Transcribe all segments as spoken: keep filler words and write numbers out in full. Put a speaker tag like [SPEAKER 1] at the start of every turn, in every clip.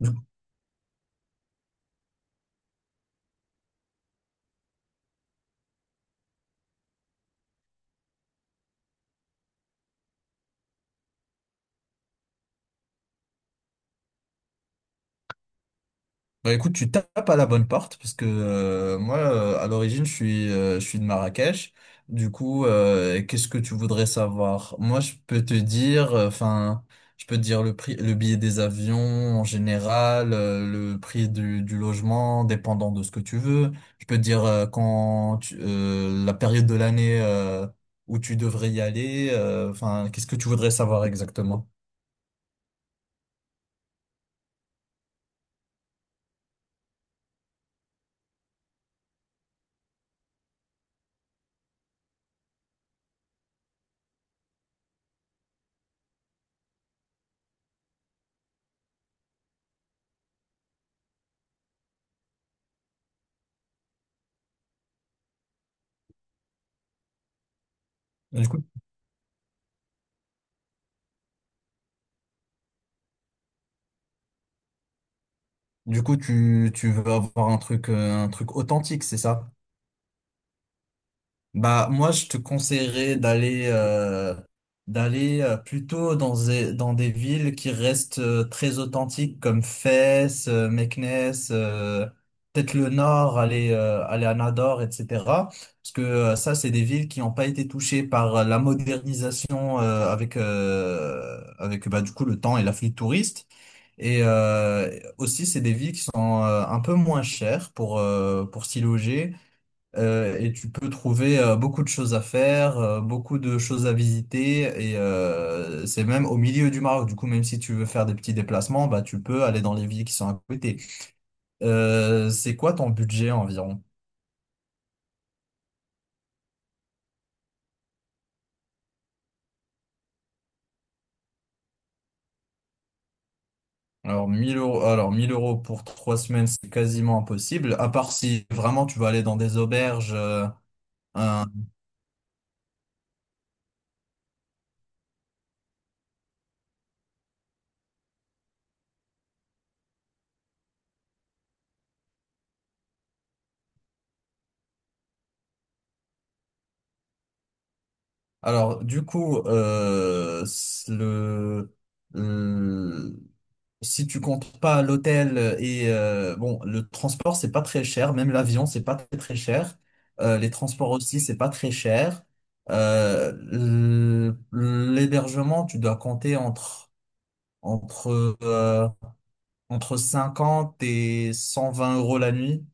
[SPEAKER 1] Du coup, Bah écoute, tu tapes à la bonne porte parce que euh, moi, euh, à l'origine, je suis, euh, je suis de Marrakech. Du coup, euh, qu'est-ce que tu voudrais savoir? Moi, je peux te dire, euh, enfin, je peux te dire le prix, le billet des avions en général, euh, le prix du, du logement, dépendant de ce que tu veux. Je peux te dire euh, quand tu- euh, la période de l'année euh, où tu devrais y aller. euh, Enfin, qu'est-ce que tu voudrais savoir exactement? Du coup, tu, tu veux avoir un truc, euh, un truc authentique, c'est ça? Bah, moi, je te conseillerais d'aller euh, d'aller euh, plutôt dans des, dans des villes qui restent euh, très authentiques comme Fès, euh, Meknès, euh, peut-être le Nord, aller, euh, aller à Nador, et cetera. Parce que euh, ça, c'est des villes qui n'ont pas été touchées par euh, la modernisation euh, avec, euh, avec bah, du coup le temps et l'afflux de touristes. Et euh, Aussi, c'est des villes qui sont euh, un peu moins chères pour, euh, pour s'y loger. Euh, et tu peux trouver euh, beaucoup de choses à faire, euh, beaucoup de choses à visiter, et euh, c'est même au milieu du Maroc. Du coup, même si tu veux faire des petits déplacements, bah, tu peux aller dans les villes qui sont à côté. Euh, c'est quoi ton budget environ? Alors mille euros, alors mille euros pour trois semaines, c'est quasiment impossible, à part si vraiment tu vas aller dans des auberges. euh, un- Alors du coup, euh, le... Si tu comptes pas l'hôtel et euh, bon, le transport, c'est pas très cher, même l'avion, c'est pas très très cher. Euh, les transports aussi, c'est pas très cher. Euh, l- L'hébergement, tu dois compter entre entre euh, entre cinquante et cent vingt euros la nuit.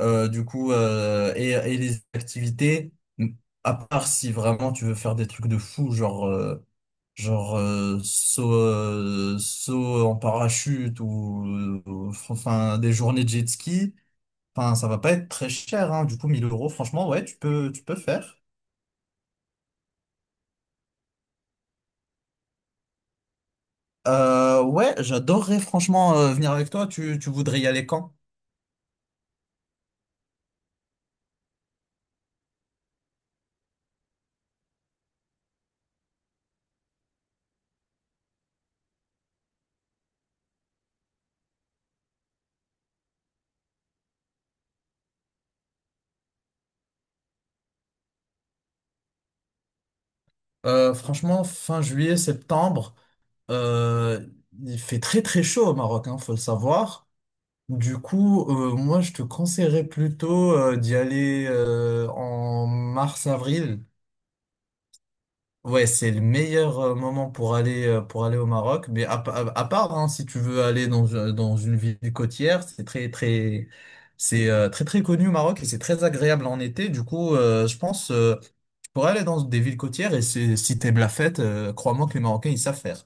[SPEAKER 1] Euh, du coup, euh, et, et les activités, à part si vraiment tu veux faire des trucs de fou, genre euh, Genre euh, saut, euh, saut en parachute ou ou- enfin des journées de jet ski, enfin ça va pas être très cher hein. Du coup mille euros franchement ouais tu peux tu peux faire. Euh, ouais j'adorerais franchement euh, venir avec toi. Tu, tu voudrais y aller quand? Euh, franchement fin juillet septembre euh, il fait très très chaud au Maroc hein, faut le savoir. Du coup euh, moi je te conseillerais plutôt euh, d'y aller euh, en mars avril. Ouais, c'est le meilleur euh, moment pour aller euh, pour aller au Maroc. Mais à, pa- à à part hein, si tu veux aller dans un- dans une ville côtière, c'est très très c'est euh, très très connu au Maroc et c'est très agréable en été. Du coup, euh, je pense euh, tu pourrais aller dans des villes côtières et c'est- si t'aimes la fête, euh, crois-moi que les Marocains ils savent faire.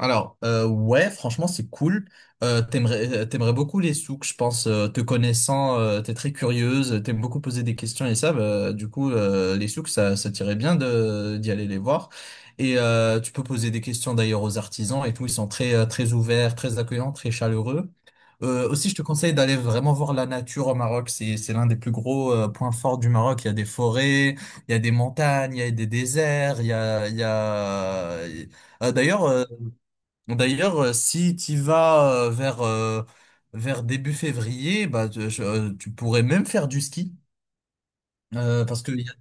[SPEAKER 1] Alors, euh, ouais, franchement, c'est cool. Euh, t'aimerais, euh, t'aimerais beaucoup les souks, je pense. Euh, te connaissant, euh, t'es très curieuse, t'aimes beaucoup poser des questions et ça, bah, du coup, euh, les souks, ça, ça t'irait bien de, d'y aller les voir. Et euh, tu peux poser des questions d'ailleurs aux artisans et tout. Ils sont très, euh, très ouverts, très accueillants, très chaleureux. Euh, aussi, je te conseille d'aller vraiment voir la nature au Maroc. C'est, c'est l'un des plus gros euh, points forts du Maroc. Il y a des forêts, il y a des montagnes, il y a des déserts, il y a, il y a... Euh, d'ailleurs, euh, D'ailleurs, euh, si tu vas euh, vers, euh, vers début février, bah, tu, je- euh, tu pourrais même faire du ski. Euh, parce que, y a-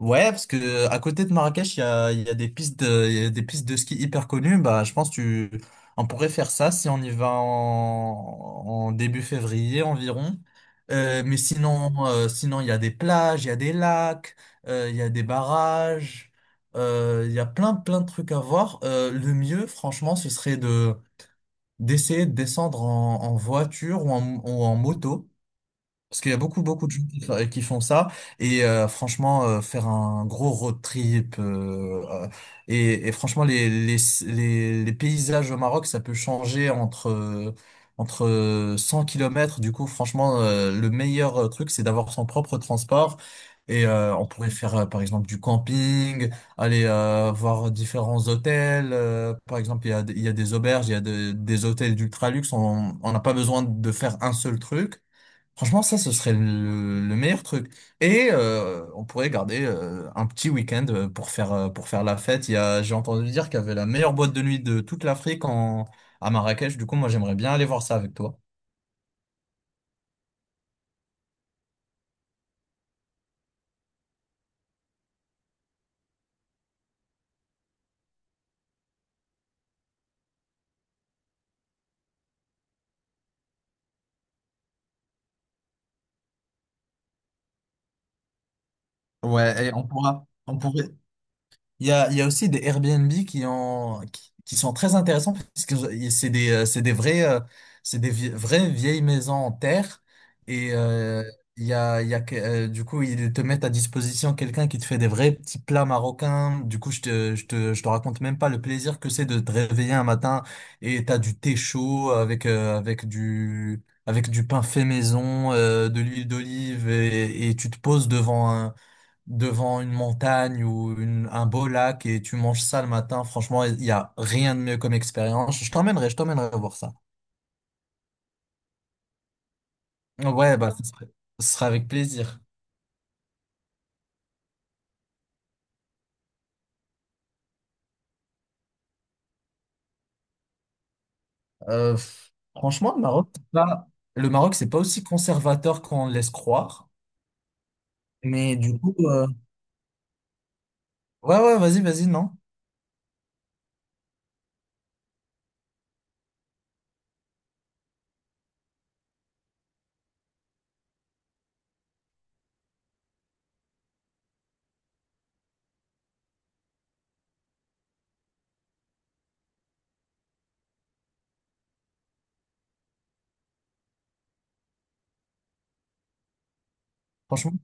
[SPEAKER 1] Ouais, parce que euh, à côté de Marrakech, il y a, il y a des pistes de, il y a des pistes de ski hyper connues. Bah, je pense que tu, on pourrait faire ça si on y va en, en début février environ. Euh, mais sinon, euh, sinon, il y a des plages, il y a des lacs, euh, il y a des barrages, euh, il y a plein, plein de trucs à voir. Euh, le mieux, franchement, ce serait de d'essayer de descendre en, en voiture ou en, ou en moto. Parce qu'il y a beaucoup, beaucoup de gens qui, fa- qui font ça. Et euh, franchement, euh, faire un gros road trip. Euh, euh, et, et franchement, les, les, les, les paysages au Maroc, ça peut changer entre, euh, entre euh, cent kilomètres. Du coup, franchement, euh, le meilleur euh, truc, c'est d'avoir son propre transport. Et euh, on pourrait faire, euh, par exemple, du camping, aller euh, voir différents hôtels. Euh, par exemple, il y a, il y a des auberges, il y a de- des hôtels d'ultra luxe. On on n'a pas besoin de faire un seul truc. Franchement, ça, ce serait le, le meilleur truc. Et euh, on pourrait garder euh, un petit week-end euh, pour faire, euh, pour faire la fête. Il y a, j'ai entendu dire qu'il y avait la meilleure boîte de nuit de toute l'Afrique en, à Marrakech. Du coup, moi, j'aimerais bien aller voir ça avec toi. Ouais, et On pourra, on pourrait, Il y a, il y a aussi des Airbnb qui, ont qui, qui sont très intéressants parce que je- c'est des, euh, c'est des vrais, euh, c'est des vie- vraies vieilles maisons en terre et euh, il y a, il y a, que- euh, du coup ils te mettent à disposition quelqu'un qui te fait des vrais petits plats marocains. Du coup je te, je te, je te raconte même pas le plaisir que c'est de te réveiller un matin et t'as du thé chaud avec, euh, avec du, avec du pain fait maison, euh, de l'huile d'olive et, et tu te poses devant un devant une montagne ou une- un beau lac et tu manges ça le matin, franchement, il n'y a rien de mieux comme expérience. Je t'emmènerai, je t'emmènerai voir ça. Ouais, bah, ce serait, Ce serait avec plaisir. Euh, f- Franchement, le Maroc, c'est pas, le Maroc, c'est pas aussi conservateur qu'on le laisse croire. Mais du coup, euh, ouais, ouais, vas-y, vas-y, non. Franchement,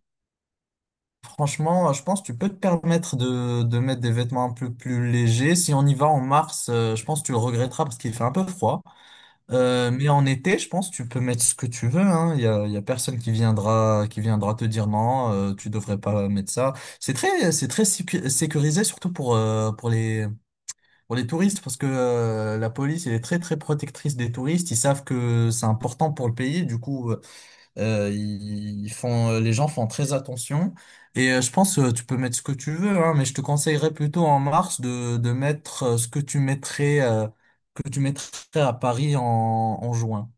[SPEAKER 1] Franchement, je pense que tu peux te permettre de, de mettre des vêtements un peu plus légers. Si on y va en mars, euh, je pense que tu le regretteras parce qu'il fait un peu froid. Euh, mais en été, je pense, tu peux mettre ce que tu veux, hein. Il y a, il y a personne qui viendra, qui viendra te dire non, euh, tu devrais pas mettre ça. C'est très, c'est très sécu- sécurisé, surtout pour, euh, pour les, pour les touristes, parce que, euh, la police, elle est très, très protectrice des touristes. Ils savent que c'est important pour le pays. Du coup, euh, euh, ils font, euh, les gens font très attention. Et euh, je pense, euh, tu peux mettre ce que tu veux, hein, mais je te conseillerais plutôt en mars de, de mettre euh, ce que tu mettrais, euh, que tu mettrais à Paris en, en juin.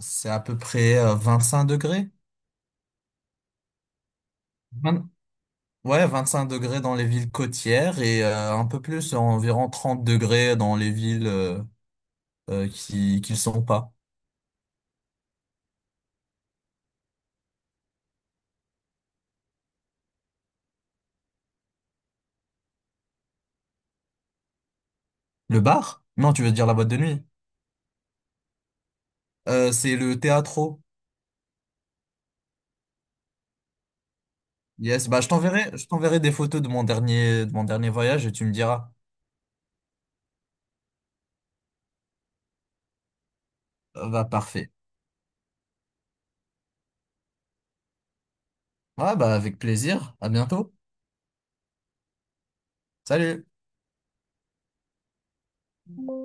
[SPEAKER 1] C'est à peu près euh, vingt-cinq degrés. Vingt- ouais, vingt-cinq degrés dans les villes côtières et euh, un peu plus, environ trente degrés dans les villes euh, euh, qui, qui le sont pas. Le bar? Non, tu veux dire la boîte de nuit. Euh, c'est le théâtre. Yes, bah je t'enverrai, je t'enverrai des photos de mon dernier, de mon dernier voyage et tu me diras. Ah, bah parfait. Ouais, bah avec plaisir. À bientôt. Salut.